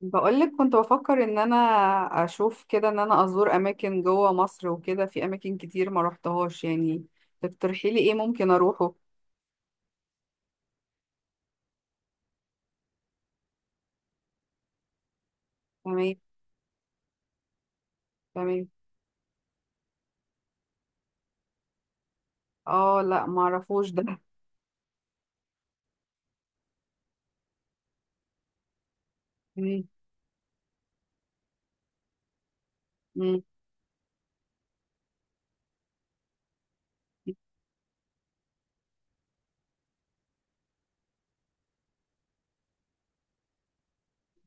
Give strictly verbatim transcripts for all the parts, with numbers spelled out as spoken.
بقولك، كنت بفكر ان انا اشوف كده ان انا ازور اماكن جوه مصر وكده. في اماكن كتير ما روحتهاش يعني. تقترحي لي ايه ممكن اروحه؟ تمام. تمام. اه، لا ما اعرفوش ده. مم. مم.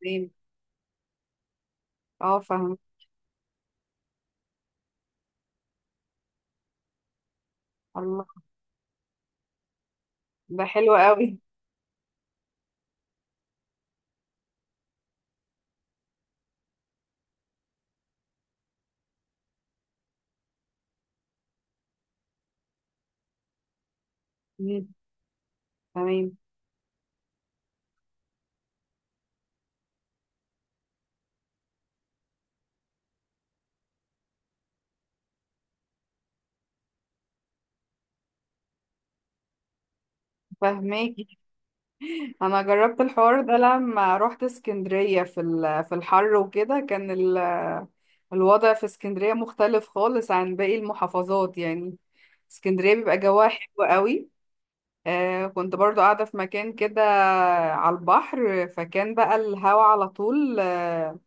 تمام. اه فاهم. الله. ده حلو قوي. مم. تمام. فهماكي. انا جربت الحوار ده لما روحت اسكندرية في ال- في الحر وكده كان ال- الوضع في اسكندرية مختلف خالص عن باقي المحافظات يعني. اسكندرية بيبقى جواها حلو قوي. آه كنت برضو قاعدة في مكان كده على البحر، فكان بقى الهوا على طول. آه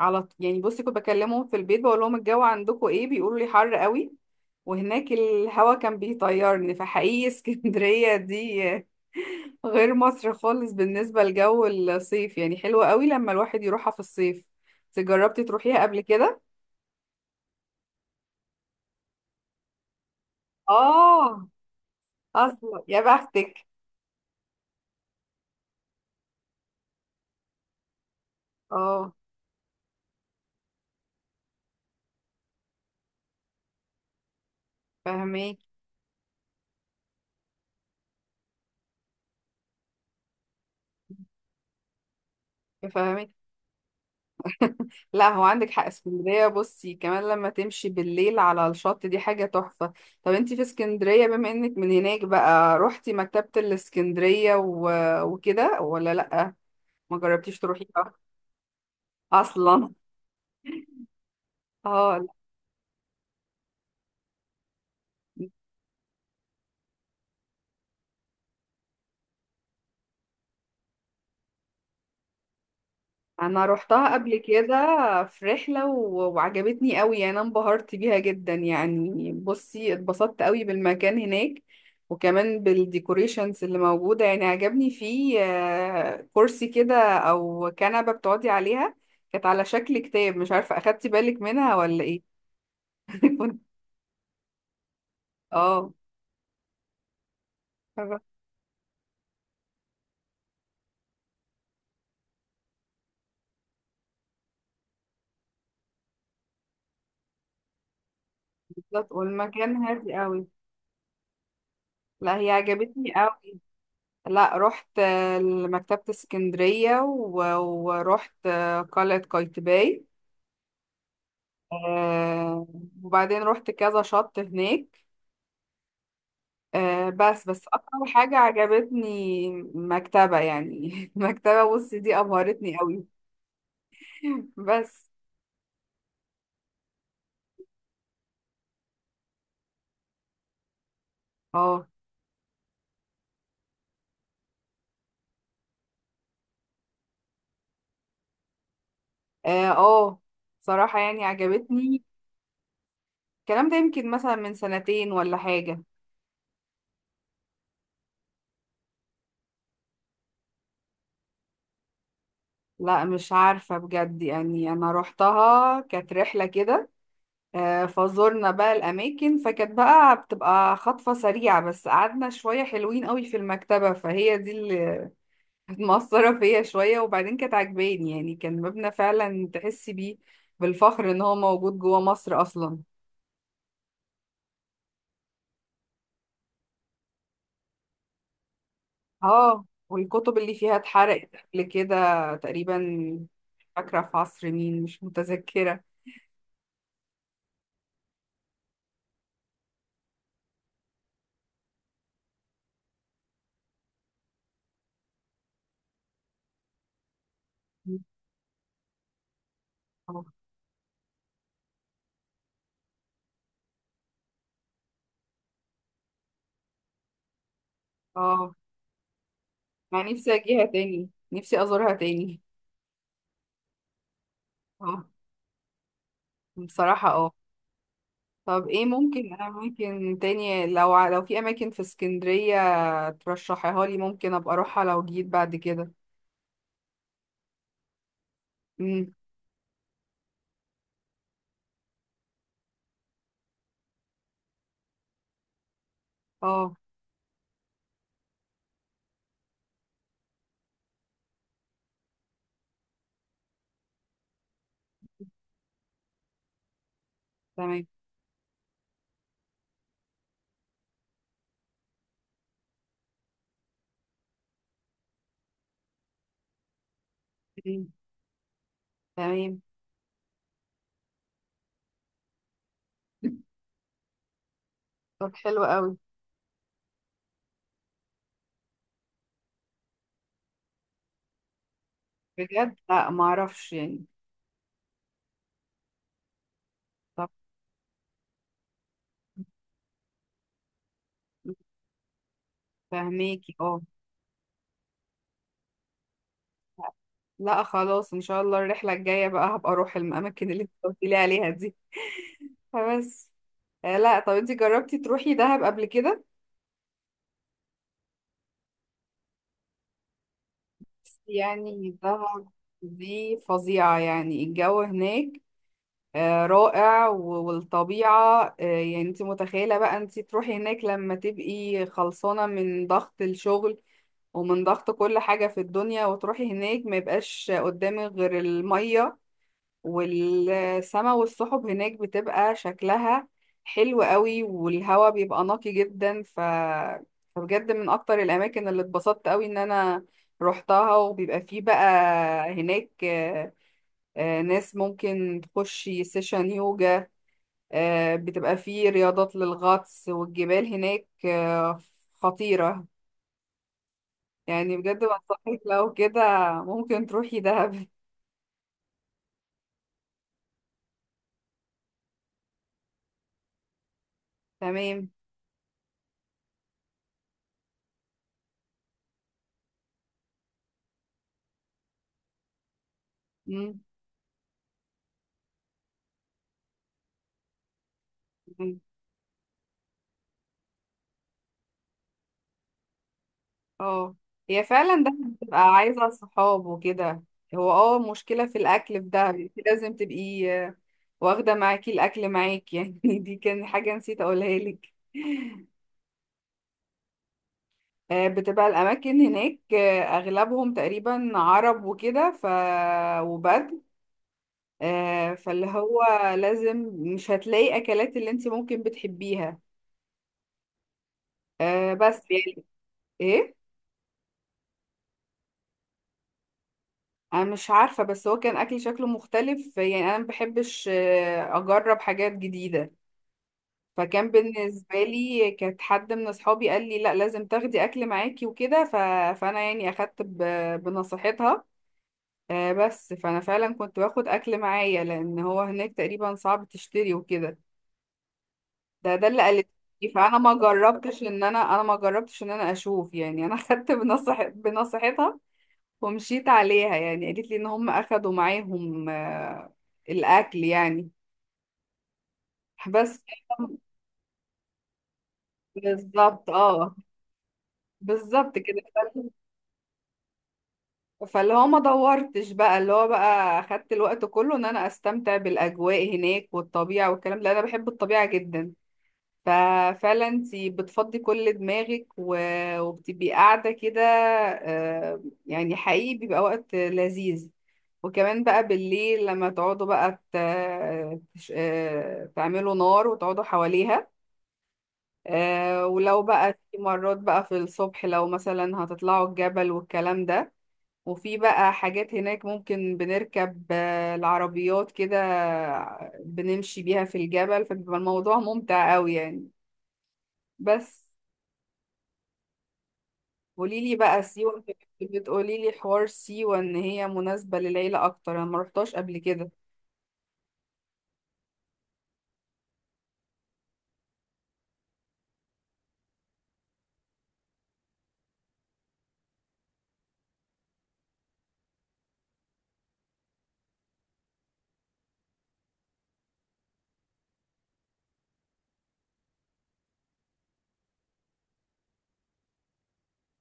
على ط- يعني بصي كنت بكلمهم في البيت بقول لهم الجو عندكم ايه، بيقولوا لي حر قوي. وهناك الهوا كان بيطيرني، فحقيقي اسكندرية دي غير مصر خالص بالنسبة لجو الصيف يعني. حلوة قوي لما الواحد يروحها في الصيف. انت جربتي تروحيها قبل كده؟ اه. اصلا يا بختك. اه فاهمك. فاهمك. لا هو عندك حق. اسكندرية بصي كمان لما تمشي بالليل على الشط دي حاجة تحفة. طب انتي في اسكندرية بما انك من هناك بقى روحتي مكتبة الاسكندرية و... وكده، ولا لأ؟ ما جربتيش تروحيها؟ اصلا؟ اه. انا روحتها قبل كده في رحله و- وعجبتني قوي يعني. انا انبهرت بيها جدا يعني. بصي اتبسطت قوي بالمكان هناك، وكمان بالديكوريشنز اللي موجوده. يعني عجبني فيه آه، كرسي كده او كنبه بتقعدي عليها كانت على شكل كتاب. مش عارفه اخدتي بالك منها ولا ايه؟ كنت- اه. بالظبط، والمكان هادي قوي. لا هي عجبتني قوي. لا رحت آه، لمكتبه اسكندريه و- ورحت آه، قلعه قايتباي. آه، وبعدين رحت كذا شط هناك. آه، بس بس اكتر حاجة عجبتني مكتبة يعني، مكتبة. بصي دي ابهرتني قوي. بس. اه. اه. آه، صراحة يعني عجبتني. الكلام ده يمكن مثلا من سنتين ولا حاجة. لا مش عارفة بجد يعني. أنا روحتها كانت رحلة كده، آه، فزورنا بقى الأماكن فكانت بقى بتبقى خطفة سريعة، بس قعدنا شوية حلوين قوي في المكتبة فهي دي كانت مأثرة فيا شوية. وبعدين كانت عجباني يعني، كان مبنى فعلا تحسي بيه بالفخر ان هو موجود جوه مصر اصلا. اه، والكتب اللي فيها اتحرقت قبل كده تقريبا، مش فاكرة في عصر مين، مش متذكرة. اه. اه. مع نفسي اجيها تاني، نفسي ازورها تاني. اه. بصراحة اه. طب ايه ممكن اماكن تانية، لو ع- لو في اماكن في اسكندرية ترشحيها لي ممكن ابقى اروحها لو جيت بعد كده؟ امم. اه. تمام. تمام. طب حلو قوي. بجد لا ما اعرفش يعني. طب. فهميكي اه. لا خلاص، ان شاء الله الرحله الجايه بقى هبقى اروح الاماكن اللي انت قلت لي عليها دي. فبس. آه، لا طب انت جربتي تروحي دهب قبل كده؟ يعني دهب دي فظيعه يعني. الجو هناك آه، رائع و- والطبيعه آه، يعني، انت متخيله بقى انت تروحي هناك لما تبقي خلصانه من ضغط الشغل ومن ضغط كل حاجة في الدنيا، وتروحي هناك ما يبقاش قدامك غير المية والسما، والسحب هناك بتبقى شكلها حلو قوي، والهواء بيبقى نقي جدا. ف... فبجد من اكتر الاماكن اللي اتبسطت قوي ان انا روحتها. وبيبقى فيه بقى هناك آه، آه، ناس ممكن تخشي سيشن يوجا. آه، بتبقى فيه رياضات للغطس والجبال هناك آه، خطيرة يعني. بجد بنصحك لو كده ممكن تروحي دهب. تمام. مم. مم. اه. هي فعلا دهب بتبقى عايزة صحاب وكده. هو اه مشكلة في الأكل في دهب. انت لازم تبقي آه، واخدة معاكي الأكل معاكي، يعني دي كان حاجة نسيت أقولها لك. آه، بتبقى الأماكن هناك آه، أغلبهم تقريبا عرب وكده ف وبدو. آه، فاللي هو لازم مش هتلاقي أكلات اللي انت ممكن بتحبيها. آه، بس يعني. ايه؟ انا مش عارفة، بس هو كان اكلي شكله مختلف يعني. انا ما بحبش آه، اجرب حاجات جديدة، فكان بالنسبة لي كانت حد من اصحابي قال لي لا لازم تاخدي اكل معاكي وكده. ف... فانا يعني اخدت ب... بنصيحتها. آه، بس فانا فعلا كنت باخد اكل معايا لان هو هناك تقريبا صعب تشتري وكده. ده ده اللي قالت لي. فانا ما جربتش ان انا انا ما جربتش ان انا اشوف يعني. انا اخدت بنصح... بنصيحتها، ومشيت عليها يعني. قالت لي ان هم اخدوا معاهم آه، الاكل يعني. بس. بالظبط اه. بالظبط كده فال- فاللي هو ما دورتش بقى، اللي هو بقى اخدت الوقت كله ان انا استمتع بالاجواء هناك والطبيعة والكلام ده. انا بحب الطبيعة جدا، ففعلا انت بتفضي كل دماغك و- وبتبقي قاعدة كده. آه، يعني حقيقي بيبقى وقت لذيذ. وكمان بقى بالليل لما تقعدوا بقى ت- تش- آه، تعملوا نار وتقعدوا حواليها. آه، ولو بقى في مرات بقى في الصبح لو مثلا هتطلعوا الجبل والكلام ده. وفي بقى حاجات هناك ممكن بنركب آه، العربيات كده آه، بنمشي بيها في الجبل، فبيبقى الموضوع ممتع قوي يعني. بس. قولي لي بقى سيوة. بتقولي لي حوار سيوة ان هي مناسبة للعيلة اكتر، انا ما رحتهاش قبل كده.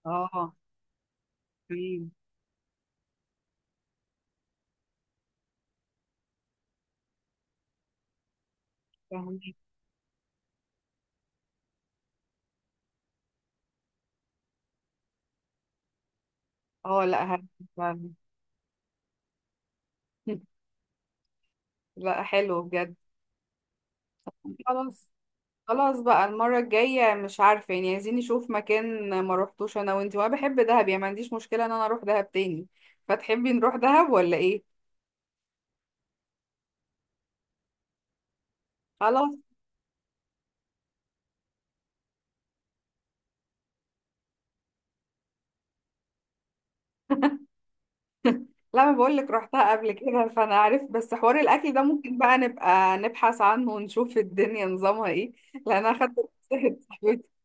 اه. أمم. فهمي اه. لا ه- فعلا. لا حلو بجد. خلاص. خلاص بقى المرة الجاية، مش عارفة يعني، عايزين نشوف مكان ما رحتوش انا وانتي، وانا بحب دهب يعني ما عنديش مشكلة ان انا اروح دهب تاني. فتحبي نروح دهب ولا ايه؟ خلاص. لا انا بقول لك رحتها قبل كده فانا عارف، بس حوار الاكل ده ممكن بقى نبقى نبحث عنه ونشوف الدنيا نظامها ايه، لان انا خدت نصيحة صاحبتي.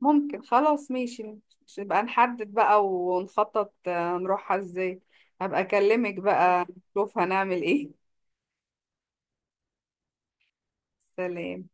ممكن. خلاص ماشي. مش- نبقى نحدد بقى ونخطط آه، نروحها ازاي. هبقى اكلمك بقى نشوف هنعمل ايه. سلام.